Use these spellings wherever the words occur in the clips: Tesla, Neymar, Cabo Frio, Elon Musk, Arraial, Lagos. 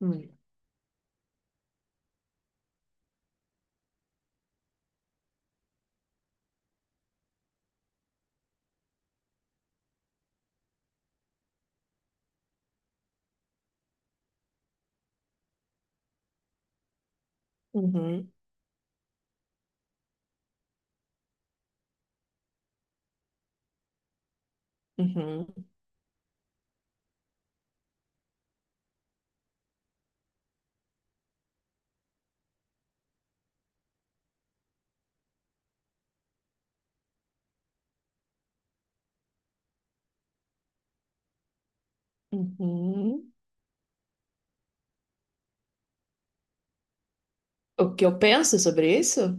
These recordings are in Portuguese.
Hum. Uhum, uhum, uhum. O que eu penso sobre isso?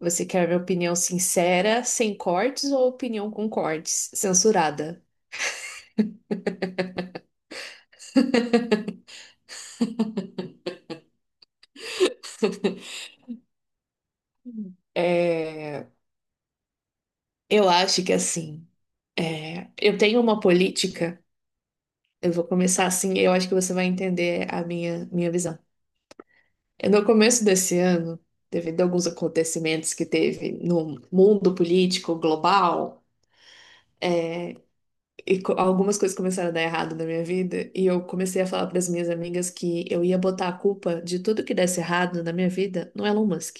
Você quer minha opinião sincera, sem cortes, ou opinião com cortes, censurada? Hum. É, eu acho que assim, é, eu tenho uma política, eu vou começar assim, eu acho que você vai entender a minha visão. É, no começo desse ano, devido a alguns acontecimentos que teve no mundo político global, e algumas coisas começaram a dar errado na minha vida, e eu comecei a falar para as minhas amigas que eu ia botar a culpa de tudo que desse errado na minha vida no Elon Musk.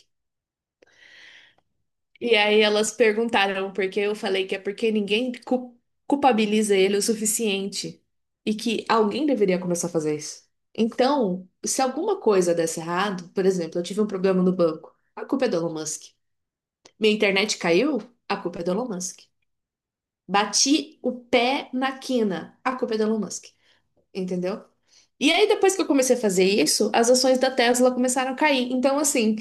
E aí elas perguntaram por que eu falei que é porque ninguém culpabiliza ele o suficiente e que alguém deveria começar a fazer isso. Então, se alguma coisa desse errado, por exemplo, eu tive um problema no banco, a culpa é do Elon Musk. Minha internet caiu, a culpa é do Elon Musk. Bati o pé na quina, a culpa é do Elon Musk. Entendeu? E aí, depois que eu comecei a fazer isso, as ações da Tesla começaram a cair. Então, assim,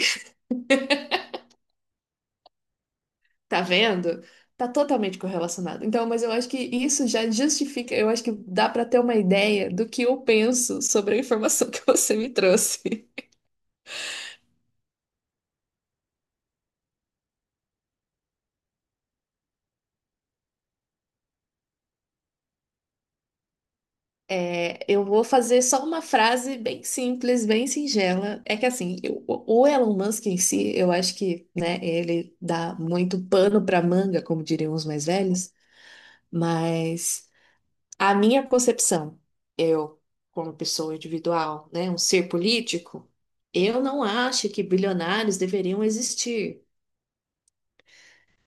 tá vendo? Tá totalmente correlacionado. Então, mas eu acho que isso já justifica, eu acho que dá pra ter uma ideia do que eu penso sobre a informação que você me trouxe. É, eu vou fazer só uma frase bem simples, bem singela. É que assim, o Elon Musk em si, eu acho que, né, ele dá muito pano pra manga, como diriam os mais velhos, mas. A minha concepção, eu, como pessoa individual, né, um ser político, eu não acho que bilionários deveriam existir.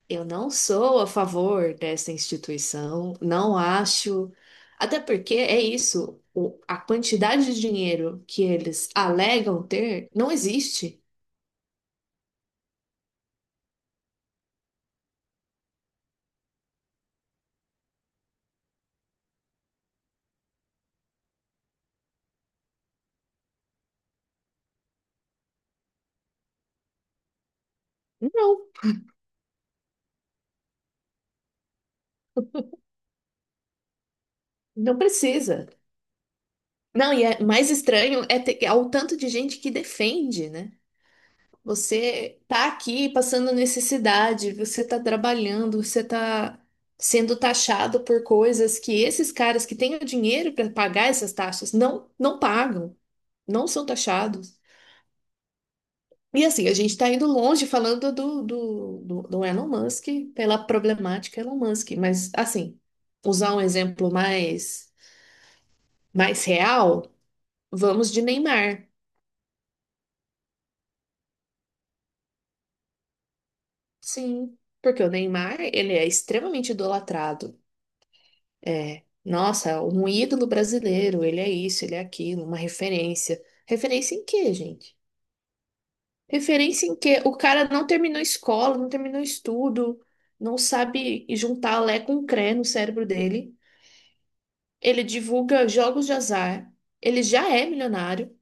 Eu não sou a favor dessa instituição, não acho. Até porque é isso, o- a quantidade de dinheiro que eles alegam ter não existe. Não, não precisa. Não, e é mais estranho é ter, é o tanto de gente que defende, né? Você tá aqui passando necessidade, você tá trabalhando, você tá sendo taxado por coisas que esses caras que têm o dinheiro para pagar essas taxas não pagam, não são taxados. E assim, a gente está indo longe falando do Elon Musk pela problemática Elon Musk, mas assim, usar um exemplo mais real, vamos de Neymar. Sim, porque o Neymar, ele é extremamente idolatrado. É, nossa, um ídolo brasileiro, ele é isso, ele é aquilo, uma referência. Referência em quê, gente? Referência em quê? O cara não terminou escola, não terminou estudo, não sabe juntar Lé com Cré no cérebro dele. Ele divulga jogos de azar, ele já é milionário,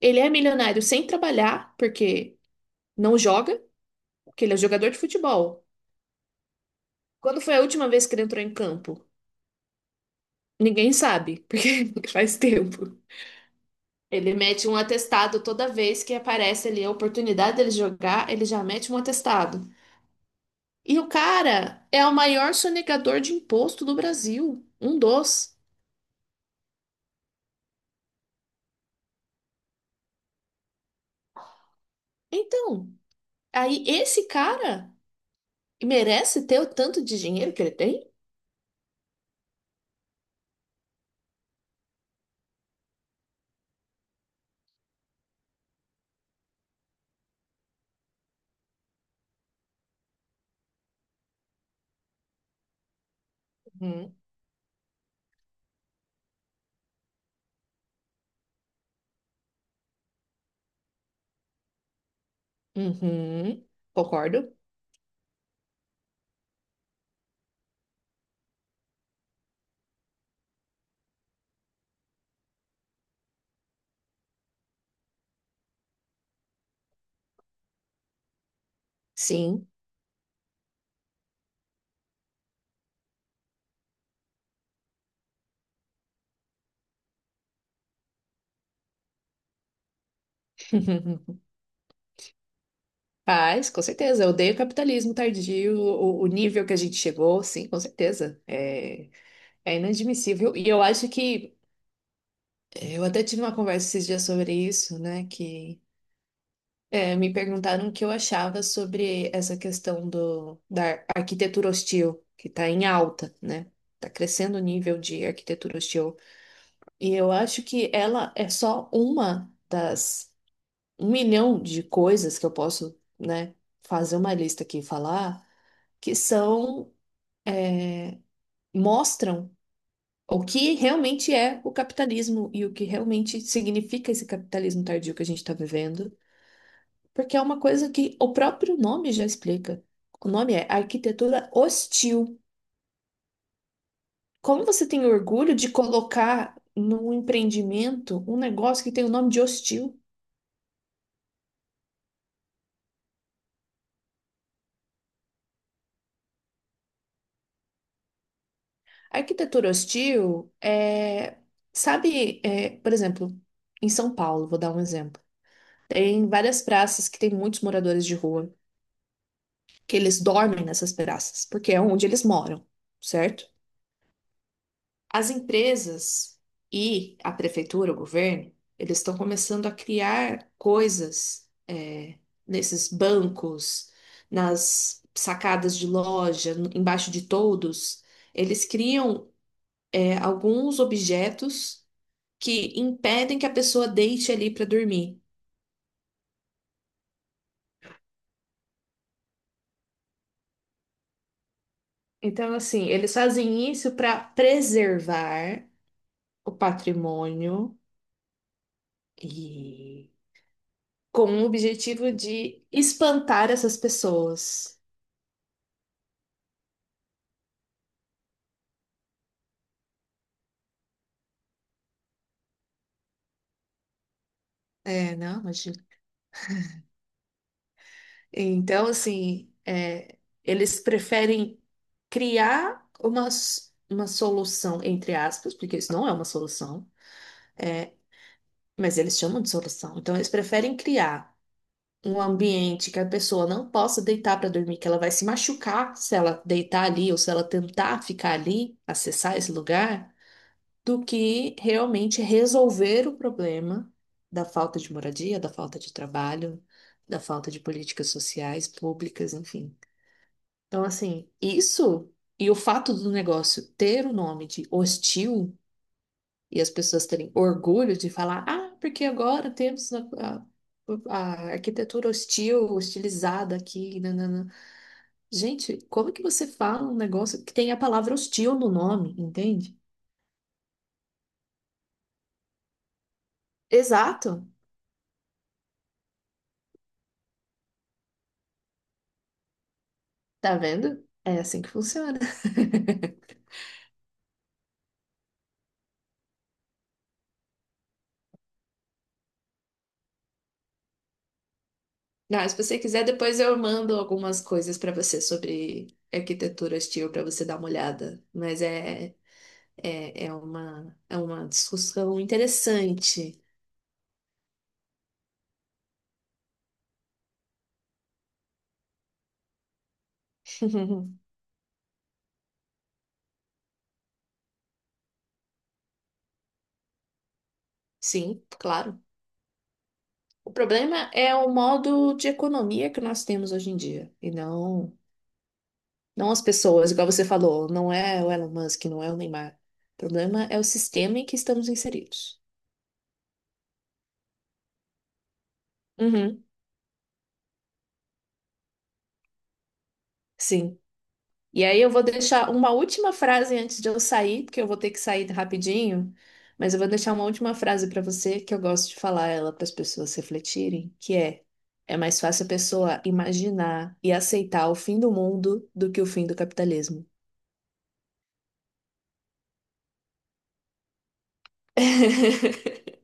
ele é milionário sem trabalhar, porque não joga, porque ele é jogador de futebol. Quando foi a última vez que ele entrou em campo? Ninguém sabe, porque faz tempo. Ele mete um atestado toda vez que aparece ali a oportunidade dele jogar, ele já mete um atestado. E o cara é o maior sonegador de imposto do Brasil, um dos. Então, aí esse cara merece ter o tanto de dinheiro que ele tem? Uhum. Uhum. Concordo. Sim. Faz, com certeza. Eu odeio o capitalismo tardio, o nível que a gente chegou, sim, com certeza. É, é inadmissível. E eu acho que eu até tive uma conversa esses dias sobre isso, né? Que é, me perguntaram o que eu achava sobre essa questão do, da arquitetura hostil, que está em alta, né? Está crescendo o nível de arquitetura hostil. E eu acho que ela é só uma das 1 milhão de coisas que eu posso, né, fazer uma lista aqui e falar, que são, mostram o que realmente é o capitalismo e o que realmente significa esse capitalismo tardio que a gente está vivendo. Porque é uma coisa que o próprio nome já explica. O nome é arquitetura hostil. Como você tem orgulho de colocar num empreendimento um negócio que tem o nome de hostil? Arquitetura hostil é. Sabe, é, por exemplo, em São Paulo, vou dar um exemplo. Tem várias praças que tem muitos moradores de rua, que eles dormem nessas praças, porque é onde eles moram, certo? As empresas e a prefeitura, o governo, eles estão começando a criar coisas é, nesses bancos, nas sacadas de loja, embaixo de toldos. Eles criam é, alguns objetos que impedem que a pessoa deite ali para dormir. Então, assim, eles fazem isso para preservar o patrimônio e com o objetivo de espantar essas pessoas. É, não, imagina. Então, assim, é, eles preferem criar uma solução, entre aspas, porque isso não é uma solução, é, mas eles chamam de solução. Então, eles preferem criar um ambiente que a pessoa não possa deitar para dormir, que ela vai se machucar se ela deitar ali ou se ela tentar ficar ali, acessar esse lugar do que realmente resolver o problema da falta de moradia, da falta de trabalho, da falta de políticas sociais, públicas, enfim. Então, assim, isso e o fato do negócio ter o nome de hostil e as pessoas terem orgulho de falar, ah, porque agora temos a- a arquitetura hostil, hostilizada aqui, nanana. Gente, como é que você fala um negócio que tem a palavra hostil no nome, entende? Exato. Tá vendo? É assim que funciona. Não, se você quiser, depois eu mando algumas coisas pra você sobre arquitetura hostil pra você dar uma olhada. Mas é uma discussão interessante. Sim, claro. O problema é o modo de economia que nós temos hoje em dia, e não, não as pessoas, igual você falou, não é o Elon Musk, não é o Neymar. O problema é o sistema em que estamos inseridos. Uhum, sim. E aí eu vou deixar uma última frase antes de eu sair, porque eu vou ter que sair rapidinho, mas eu vou deixar uma última frase para você que eu gosto de falar ela para as pessoas refletirem, que é mais fácil a pessoa imaginar e aceitar o fim do mundo do que o fim do capitalismo.